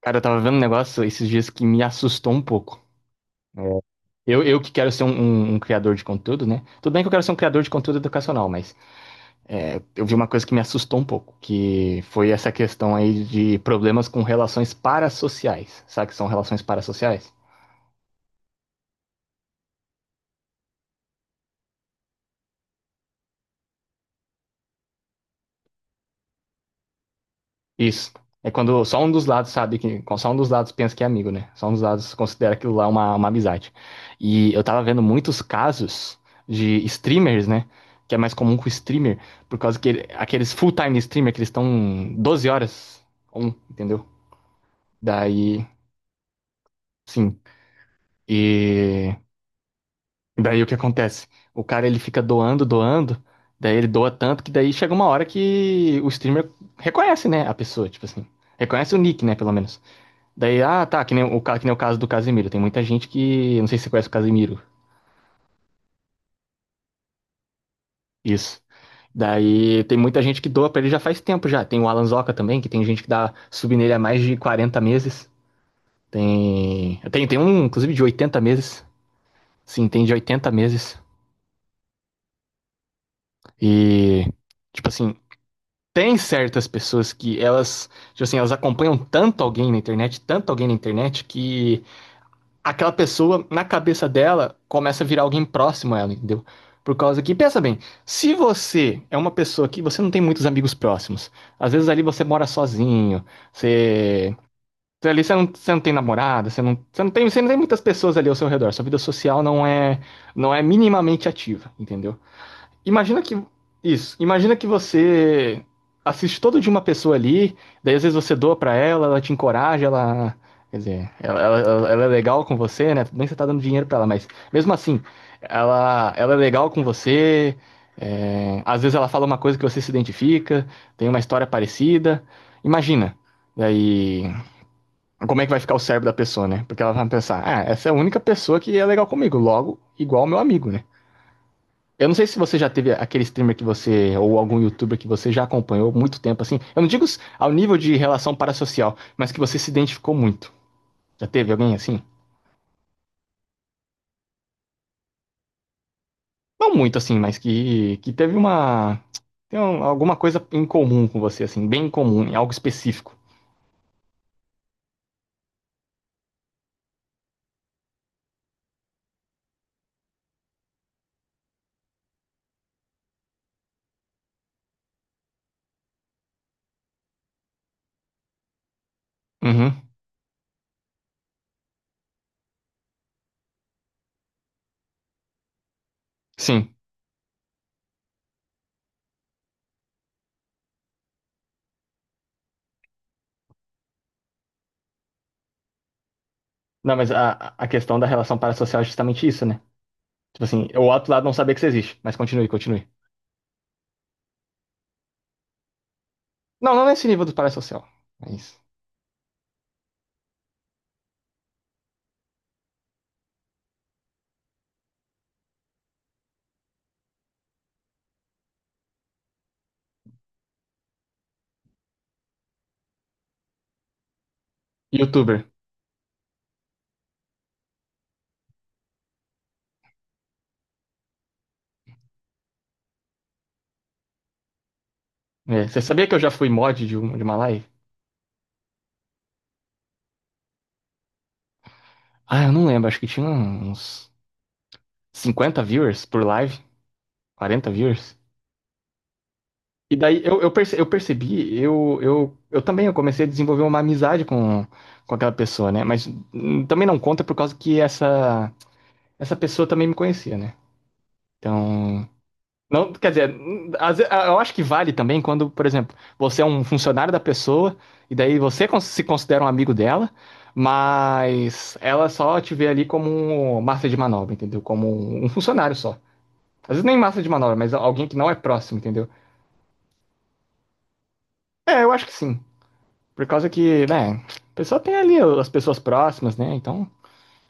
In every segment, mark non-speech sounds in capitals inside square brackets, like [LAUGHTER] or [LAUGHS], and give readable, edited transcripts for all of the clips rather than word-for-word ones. Cara, eu tava vendo um negócio esses dias que me assustou um pouco. É. Eu que quero ser um criador de conteúdo, né? Tudo bem que eu quero ser um criador de conteúdo educacional, mas eu vi uma coisa que me assustou um pouco, que foi essa questão aí de problemas com relações parassociais. Sabe o que são relações parassociais? Isso. É quando só um dos lados sabe que. Só um dos lados pensa que é amigo, né? Só um dos lados considera aquilo lá uma amizade. E eu tava vendo muitos casos de streamers, né? Que é mais comum com streamer, por causa que aqueles full-time streamer que eles estão 12 horas on, entendeu? Daí, sim. E daí o que acontece? O cara ele fica doando, doando, daí ele doa tanto que daí chega uma hora que o streamer reconhece, né, a pessoa, tipo assim. Reconhece o nick, né, pelo menos. Daí, ah, tá, que nem que nem o caso do Casemiro. Tem muita gente que. Não sei se você conhece o Casemiro. Isso. Daí tem muita gente que doa pra ele já faz tempo já. Tem o Alan Zoca também, que tem gente que dá sub nele há mais de 40 meses. Tem. Tem um, inclusive, de 80 meses. Sim, tem de 80 meses. E. Tipo assim, tem certas pessoas que elas. Tipo assim, elas acompanham tanto alguém na internet, tanto alguém na internet, que aquela pessoa, na cabeça dela, começa a virar alguém próximo a ela, entendeu? Por causa que, pensa bem, se você é uma pessoa que você não tem muitos amigos próximos, às vezes ali você mora sozinho, você. Ali você não tem namorada, você não tem muitas pessoas ali ao seu redor, sua vida social não é, não é minimamente ativa, entendeu? Imagina que. Isso. Imagina que você assiste todo de uma pessoa ali, daí às vezes você doa pra ela, ela te encoraja, ela. Quer dizer, ela é legal com você, né? Tudo bem que você tá dando dinheiro pra ela, mas mesmo assim, ela é legal com você. Às vezes ela fala uma coisa que você se identifica, tem uma história parecida. Imagina. Daí, como é que vai ficar o cérebro da pessoa, né? Porque ela vai pensar, ah, essa é a única pessoa que é legal comigo, logo, igual ao meu amigo, né? Eu não sei se você já teve aquele streamer que você, ou algum youtuber que você já acompanhou muito tempo, assim. Eu não digo ao nível de relação parasocial, mas que você se identificou muito. Já teve alguém assim? Não muito assim, mas que teve uma. Alguma coisa em comum com você, assim, bem em comum, em algo específico. Uhum, sim. Não, mas a questão da relação parasocial é justamente isso, né? Tipo assim, o outro lado não sabia que você existe, mas continue, continue. Não, não nesse nível do parasocial. Mas. Youtuber. É, você sabia que eu já fui mod de, um, de uma live? Ah, eu não lembro, acho que tinha uns 50 viewers por live, 40 viewers. E daí eu percebi, eu também eu comecei a desenvolver uma amizade com aquela pessoa, né? Mas também não conta por causa que essa pessoa também me conhecia, né? Então, não, quer dizer, eu acho que vale também quando, por exemplo, você é um funcionário da pessoa e daí você se considera um amigo dela, mas ela só te vê ali como um massa de manobra, entendeu? Como um funcionário só. Às vezes nem massa de manobra, mas alguém que não é próximo, entendeu? É, eu acho que sim. Por causa que, né, a pessoa tem ali as pessoas próximas, né? Então,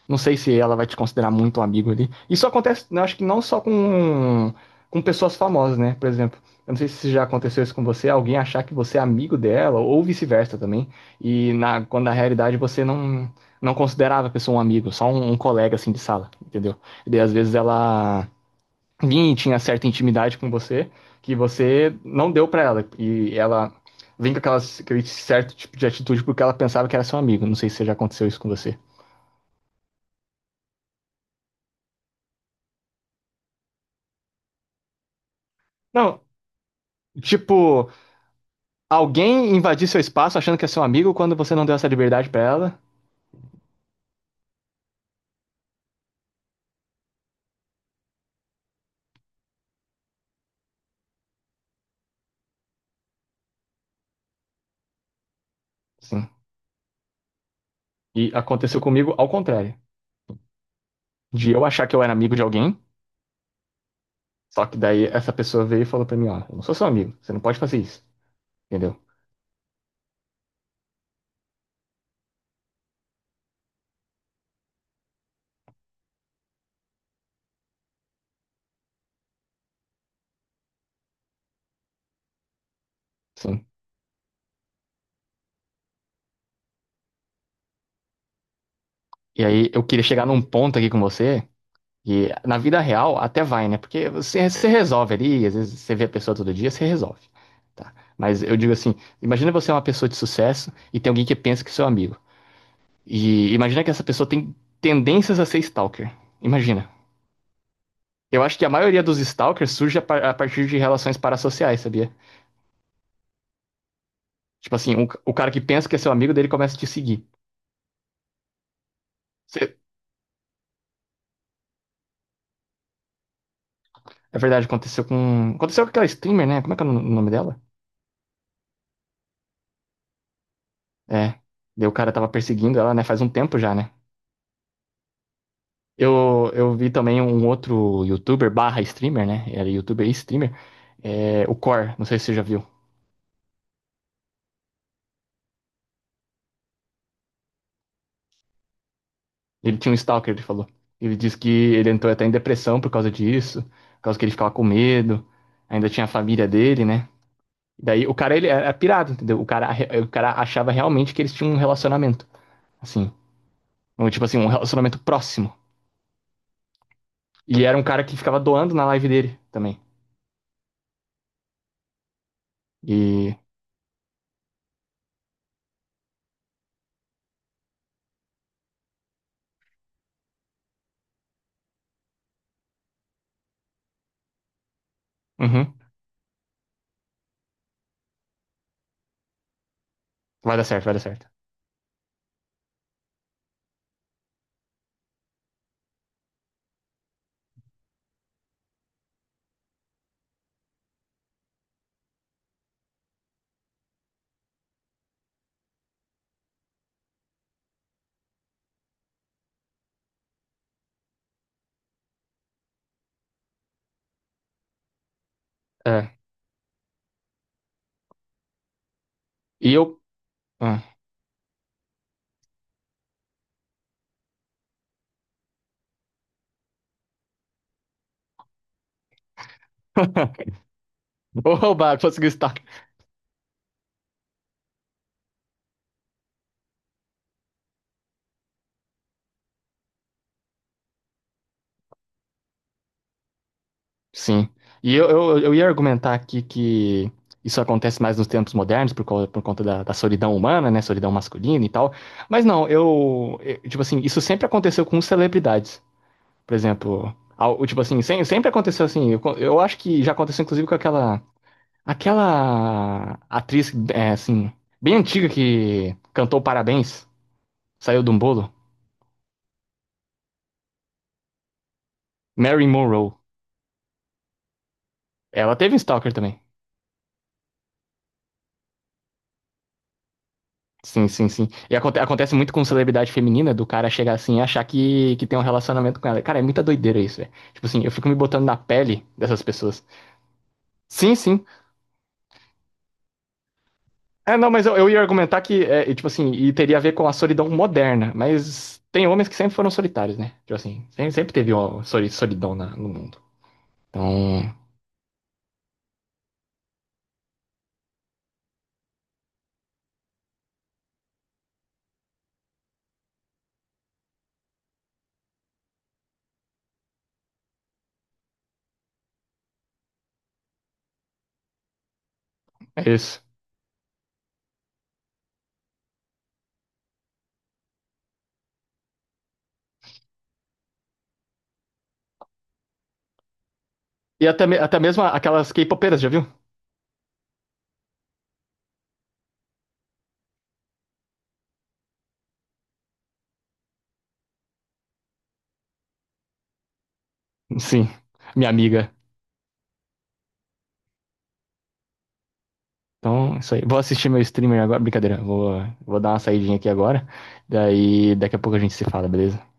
não sei se ela vai te considerar muito um amigo ali. Isso acontece, eu acho que não só com pessoas famosas, né? Por exemplo, eu não sei se já aconteceu isso com você, alguém achar que você é amigo dela, ou vice-versa também. E na, quando na realidade você não, não considerava a pessoa um amigo, só um colega assim de sala, entendeu? E daí, às vezes ela vinha e tinha certa intimidade com você que você não deu pra ela. E ela vem com aquelas, aquele certo tipo de atitude porque ela pensava que era seu amigo. Não sei se já aconteceu isso com você. Não, tipo, alguém invadir seu espaço achando que é seu amigo quando você não deu essa liberdade pra ela. Sim. E aconteceu comigo ao contrário. De eu achar que eu era amigo de alguém, só que daí essa pessoa veio e falou pra mim, ó, eu não sou seu amigo, você não pode fazer isso, entendeu? Sim. E aí eu queria chegar num ponto aqui com você. E na vida real até vai, né? Porque você, você resolve ali, às vezes você vê a pessoa todo dia, você resolve. Tá? Mas eu digo assim, imagina você é uma pessoa de sucesso e tem alguém que pensa que é seu amigo. E imagina que essa pessoa tem tendências a ser stalker. Imagina. Eu acho que a maioria dos stalkers surge a partir de relações parassociais, sabia? Tipo assim, o cara que pensa que é seu amigo dele começa a te seguir. Você- É verdade, aconteceu com. Aconteceu com aquela streamer, né? Como é que é o nome dela? É. Daí o cara tava perseguindo ela, né? Faz um tempo já, né? Eu vi também um outro youtuber barra streamer, né? Era youtuber e streamer. O Core, não sei se você já viu. Ele tinha um stalker, ele falou. Ele disse que ele entrou até em depressão por causa disso, por causa que ele ficava com medo. Ainda tinha a família dele, né? Daí o cara, ele era pirado, entendeu? O cara achava realmente que eles tinham um relacionamento, assim. Um, tipo assim, um relacionamento próximo. E era um cara que ficava doando na live dele também. E... Uhum. Vai dar certo, vai dar certo. É. E eu... ah. [LAUGHS] [LAUGHS] Oba, conseguiu destaque. Sim. E eu ia argumentar aqui que isso acontece mais nos tempos modernos por conta da, da solidão humana, né? Solidão masculina e tal. Mas não, tipo assim, isso sempre aconteceu com celebridades. Por exemplo, tipo assim, sempre aconteceu assim. Eu, eu acho que já aconteceu inclusive com aquela. Aquela atriz, é, assim, bem antiga que cantou Parabéns, saiu de um bolo. Mary Monroe. Ela teve um stalker também. Sim, sim, sim. E acontece muito com celebridade feminina, do cara chegar assim e achar que tem um relacionamento com ela. Cara, é muita doideira isso, velho. Tipo assim, eu fico me botando na pele dessas pessoas. Sim, sim. É, não, mas eu ia argumentar que, é, e, tipo assim, e teria a ver com a solidão moderna. Mas tem homens que sempre foram solitários, né? Tipo assim, sempre, sempre teve uma solidão no mundo. Então, é isso. E até, até mesmo aquelas K-popeiras, já viu? Sim, minha amiga. Então, é isso aí. Vou assistir meu streamer agora. Brincadeira, vou dar uma saidinha aqui agora. Daí, daqui a pouco a gente se fala, beleza?